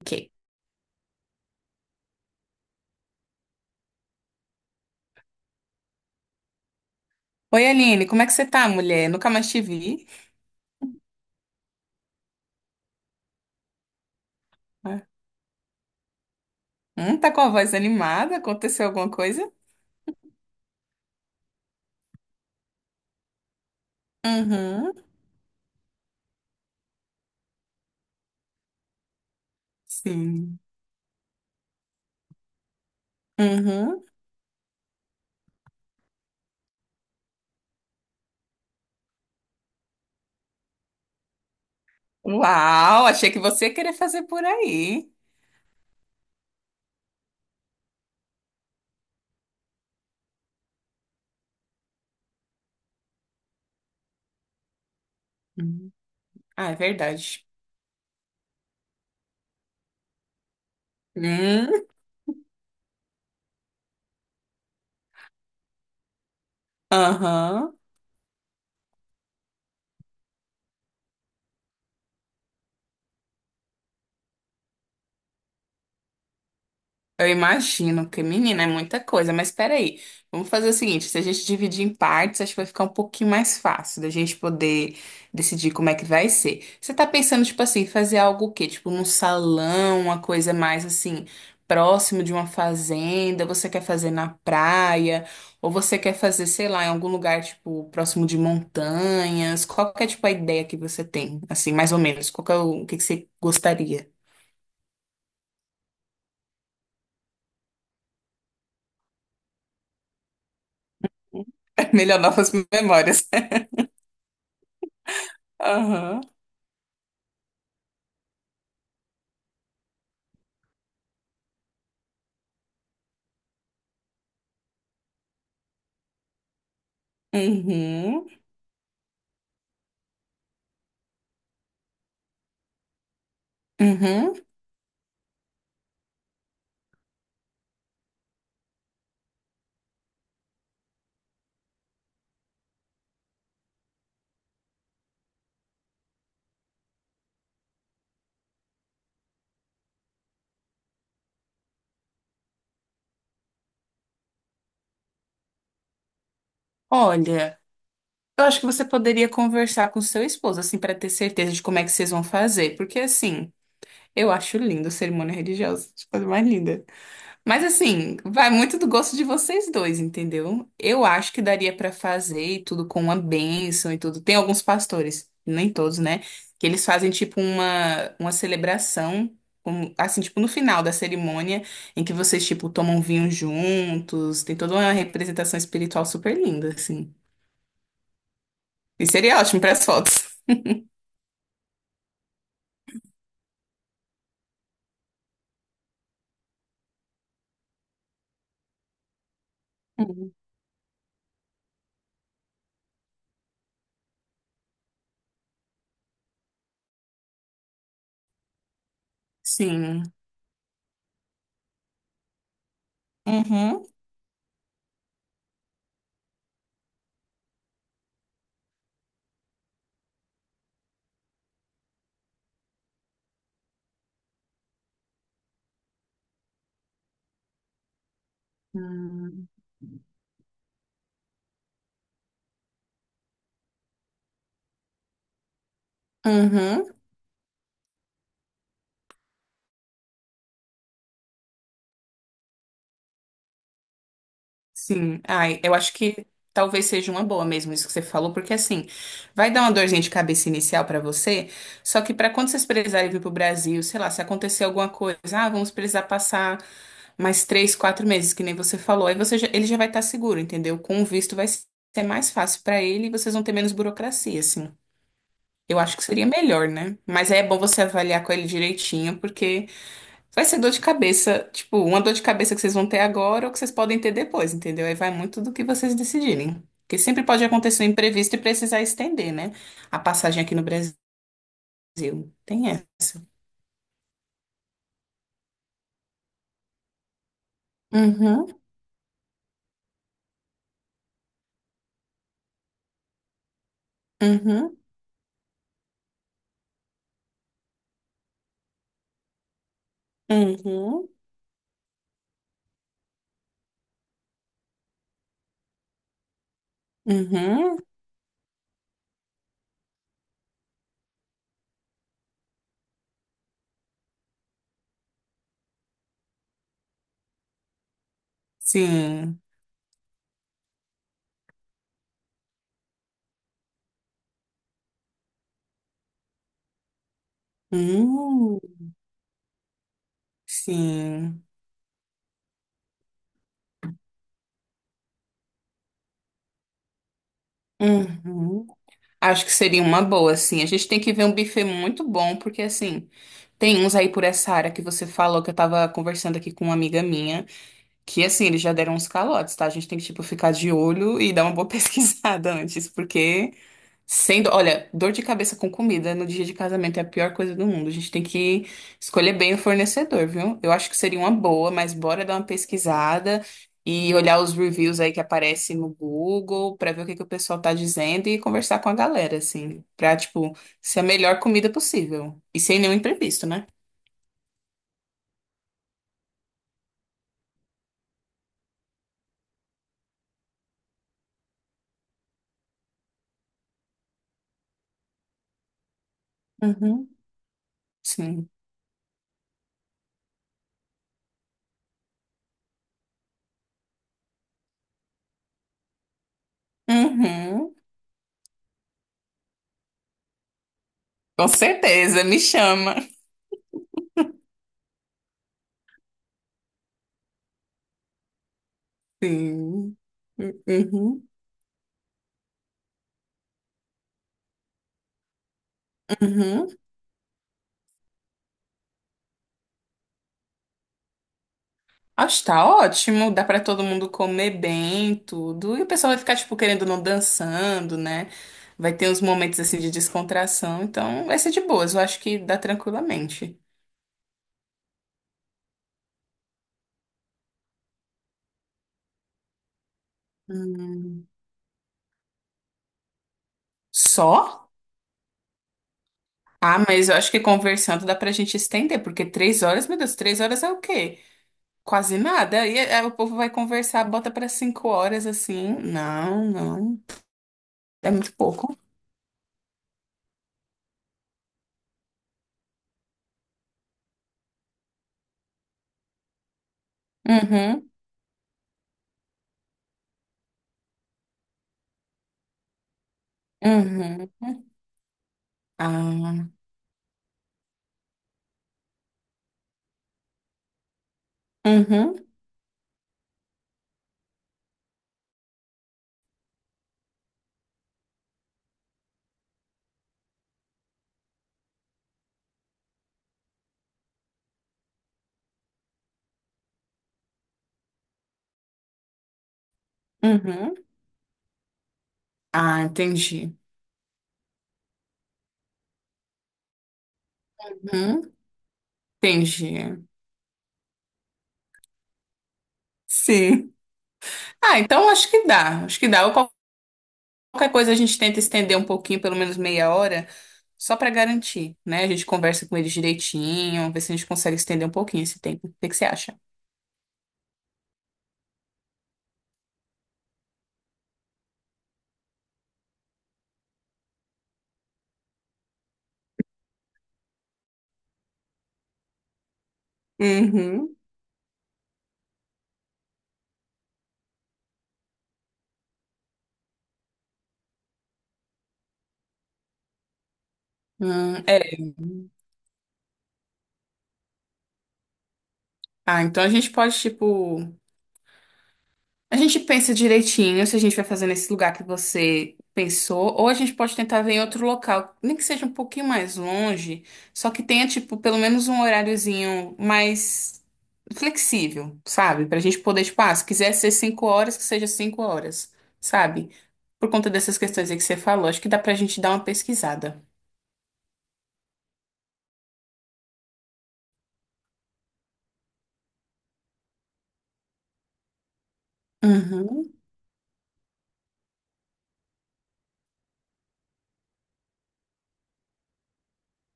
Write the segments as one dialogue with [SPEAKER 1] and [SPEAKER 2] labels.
[SPEAKER 1] Ok. Oi, Aline, como é que você tá, mulher? Nunca mais te vi. Ah, tá com a voz animada? Aconteceu alguma coisa? Uhum, sim. Uhum. Uau, achei que você ia querer fazer por aí. Hum. Ah, é verdade. Hum. Aham. Eu imagino que, menina, é muita coisa, mas peraí, vamos fazer o seguinte, se a gente dividir em partes, acho que vai ficar um pouquinho mais fácil da gente poder decidir como é que vai ser. Você tá pensando, tipo assim, fazer algo o quê? Tipo, num salão, uma coisa mais assim, próximo de uma fazenda, você quer fazer na praia, ou você quer fazer, sei lá, em algum lugar, tipo, próximo de montanhas? Qual que é, tipo, a ideia que você tem? Assim, mais ou menos, qual que é o que que você gostaria? Melhorar novas memórias. Aham. Uhum, uhum. Olha, eu acho que você poderia conversar com seu esposo, assim, para ter certeza de como é que vocês vão fazer. Porque, assim, eu acho lindo cerimônia religiosa, tipo, a coisa mais linda. Mas assim, vai muito do gosto de vocês dois, entendeu? Eu acho que daria pra fazer e tudo com uma bênção e tudo. Tem alguns pastores, nem todos, né? Que eles fazem tipo uma celebração, assim, tipo no final da cerimônia, em que vocês, tipo, tomam vinho juntos. Tem toda uma representação espiritual super linda, assim. E seria ótimo para as fotos. Hum. Sim. Uhum. Hum. Uhum. Sim, ai, eu acho que talvez seja uma boa mesmo isso que você falou, porque assim, vai dar uma dorzinha de cabeça inicial pra você, só que pra quando vocês precisarem vir pro Brasil, sei lá, se acontecer alguma coisa, ah, vamos precisar passar mais 3, 4 meses, que nem você falou, aí você já- ele já vai estar seguro, entendeu? Com o visto vai ser mais fácil pra ele e vocês vão ter menos burocracia, assim. Eu acho que seria melhor, né? Mas aí é bom você avaliar com ele direitinho, porque vai ser dor de cabeça, tipo, uma dor de cabeça que vocês vão ter agora ou que vocês podem ter depois, entendeu? Aí vai muito do que vocês decidirem. Porque sempre pode acontecer um imprevisto e precisar estender, né? A passagem aqui no Brasil. Tem essa. Uhum, uhum, uhum, uhum. Sim. Hum, sim. Uhum. Acho que seria uma boa, assim. A gente tem que ver um buffet muito bom, porque, assim, tem uns aí por essa área que você falou, que eu tava conversando aqui com uma amiga minha. Que assim, eles já deram uns calotes, tá? A gente tem que, tipo, ficar de olho e dar uma boa pesquisada antes, porque sendo, olha, dor de cabeça com comida no dia de casamento é a pior coisa do mundo. A gente tem que escolher bem o fornecedor, viu? Eu acho que seria uma boa, mas bora dar uma pesquisada e olhar os reviews aí que aparecem no Google pra ver o que que o pessoal tá dizendo e conversar com a galera, assim, pra, tipo, ser a melhor comida possível. E sem nenhum imprevisto, né? Uhum. Sim. Uhum. Com certeza, me chama. Sim. Uhum, uhum. Acho que tá ótimo, dá pra todo mundo comer bem, tudo. E o pessoal vai ficar, tipo, querendo ou não dançando, né? Vai ter uns momentos assim de descontração, então vai ser de boas, eu acho que dá tranquilamente. Hum. Só? Ah, mas eu acho que conversando dá pra gente estender, porque 3 horas, meu Deus, 3 horas é o quê? Quase nada. E aí o povo vai conversar, bota pra 5 horas assim. Não, não. É muito pouco. Uhum, uhum. Ah, uhum, uhum. Ah, entendi. Uhum, entendi. Sim. Ah, então acho que dá. Acho que dá. Ou qual- qualquer coisa a gente tenta estender um pouquinho, pelo menos meia hora, só para garantir, né? A gente conversa com eles direitinho, ver se a gente consegue estender um pouquinho esse tempo. O que que você acha? Uhum. É. Ah, então a gente pode, tipo. A gente pensa direitinho se a gente vai fazer nesse lugar que você pensou, ou a gente pode tentar ver em outro local, nem que seja um pouquinho mais longe, só que tenha, tipo, pelo menos um horáriozinho mais flexível, sabe? Pra gente poder, tipo, ah, se quiser ser 5 horas, que seja 5 horas, sabe? Por conta dessas questões aí que você falou, acho que dá pra gente dar uma pesquisada. Uhum,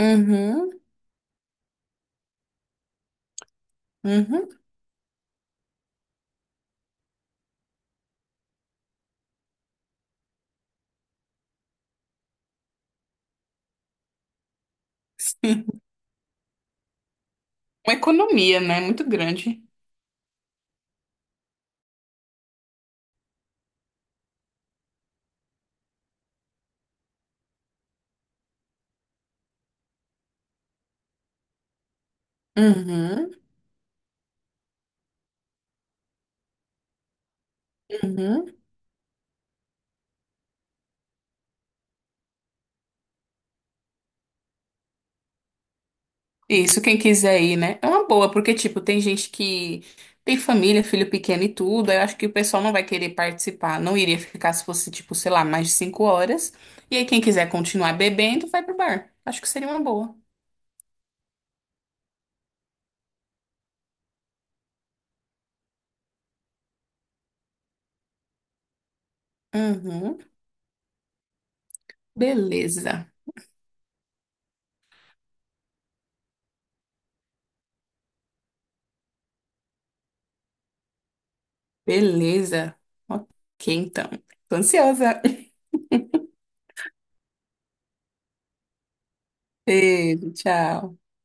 [SPEAKER 1] uhum, uhum. Uma economia, né? Muito grande. Uhum, uhum. Isso, quem quiser ir, né? É uma boa, porque, tipo, tem gente que tem família, filho pequeno e tudo. Aí eu acho que o pessoal não vai querer participar. Não iria ficar se fosse, tipo, sei lá, mais de 5 horas. E aí, quem quiser continuar bebendo, vai pro bar. Acho que seria uma boa. Uhum. Beleza. Beleza. Ok, então. Tô ansiosa. Beijo, tchau.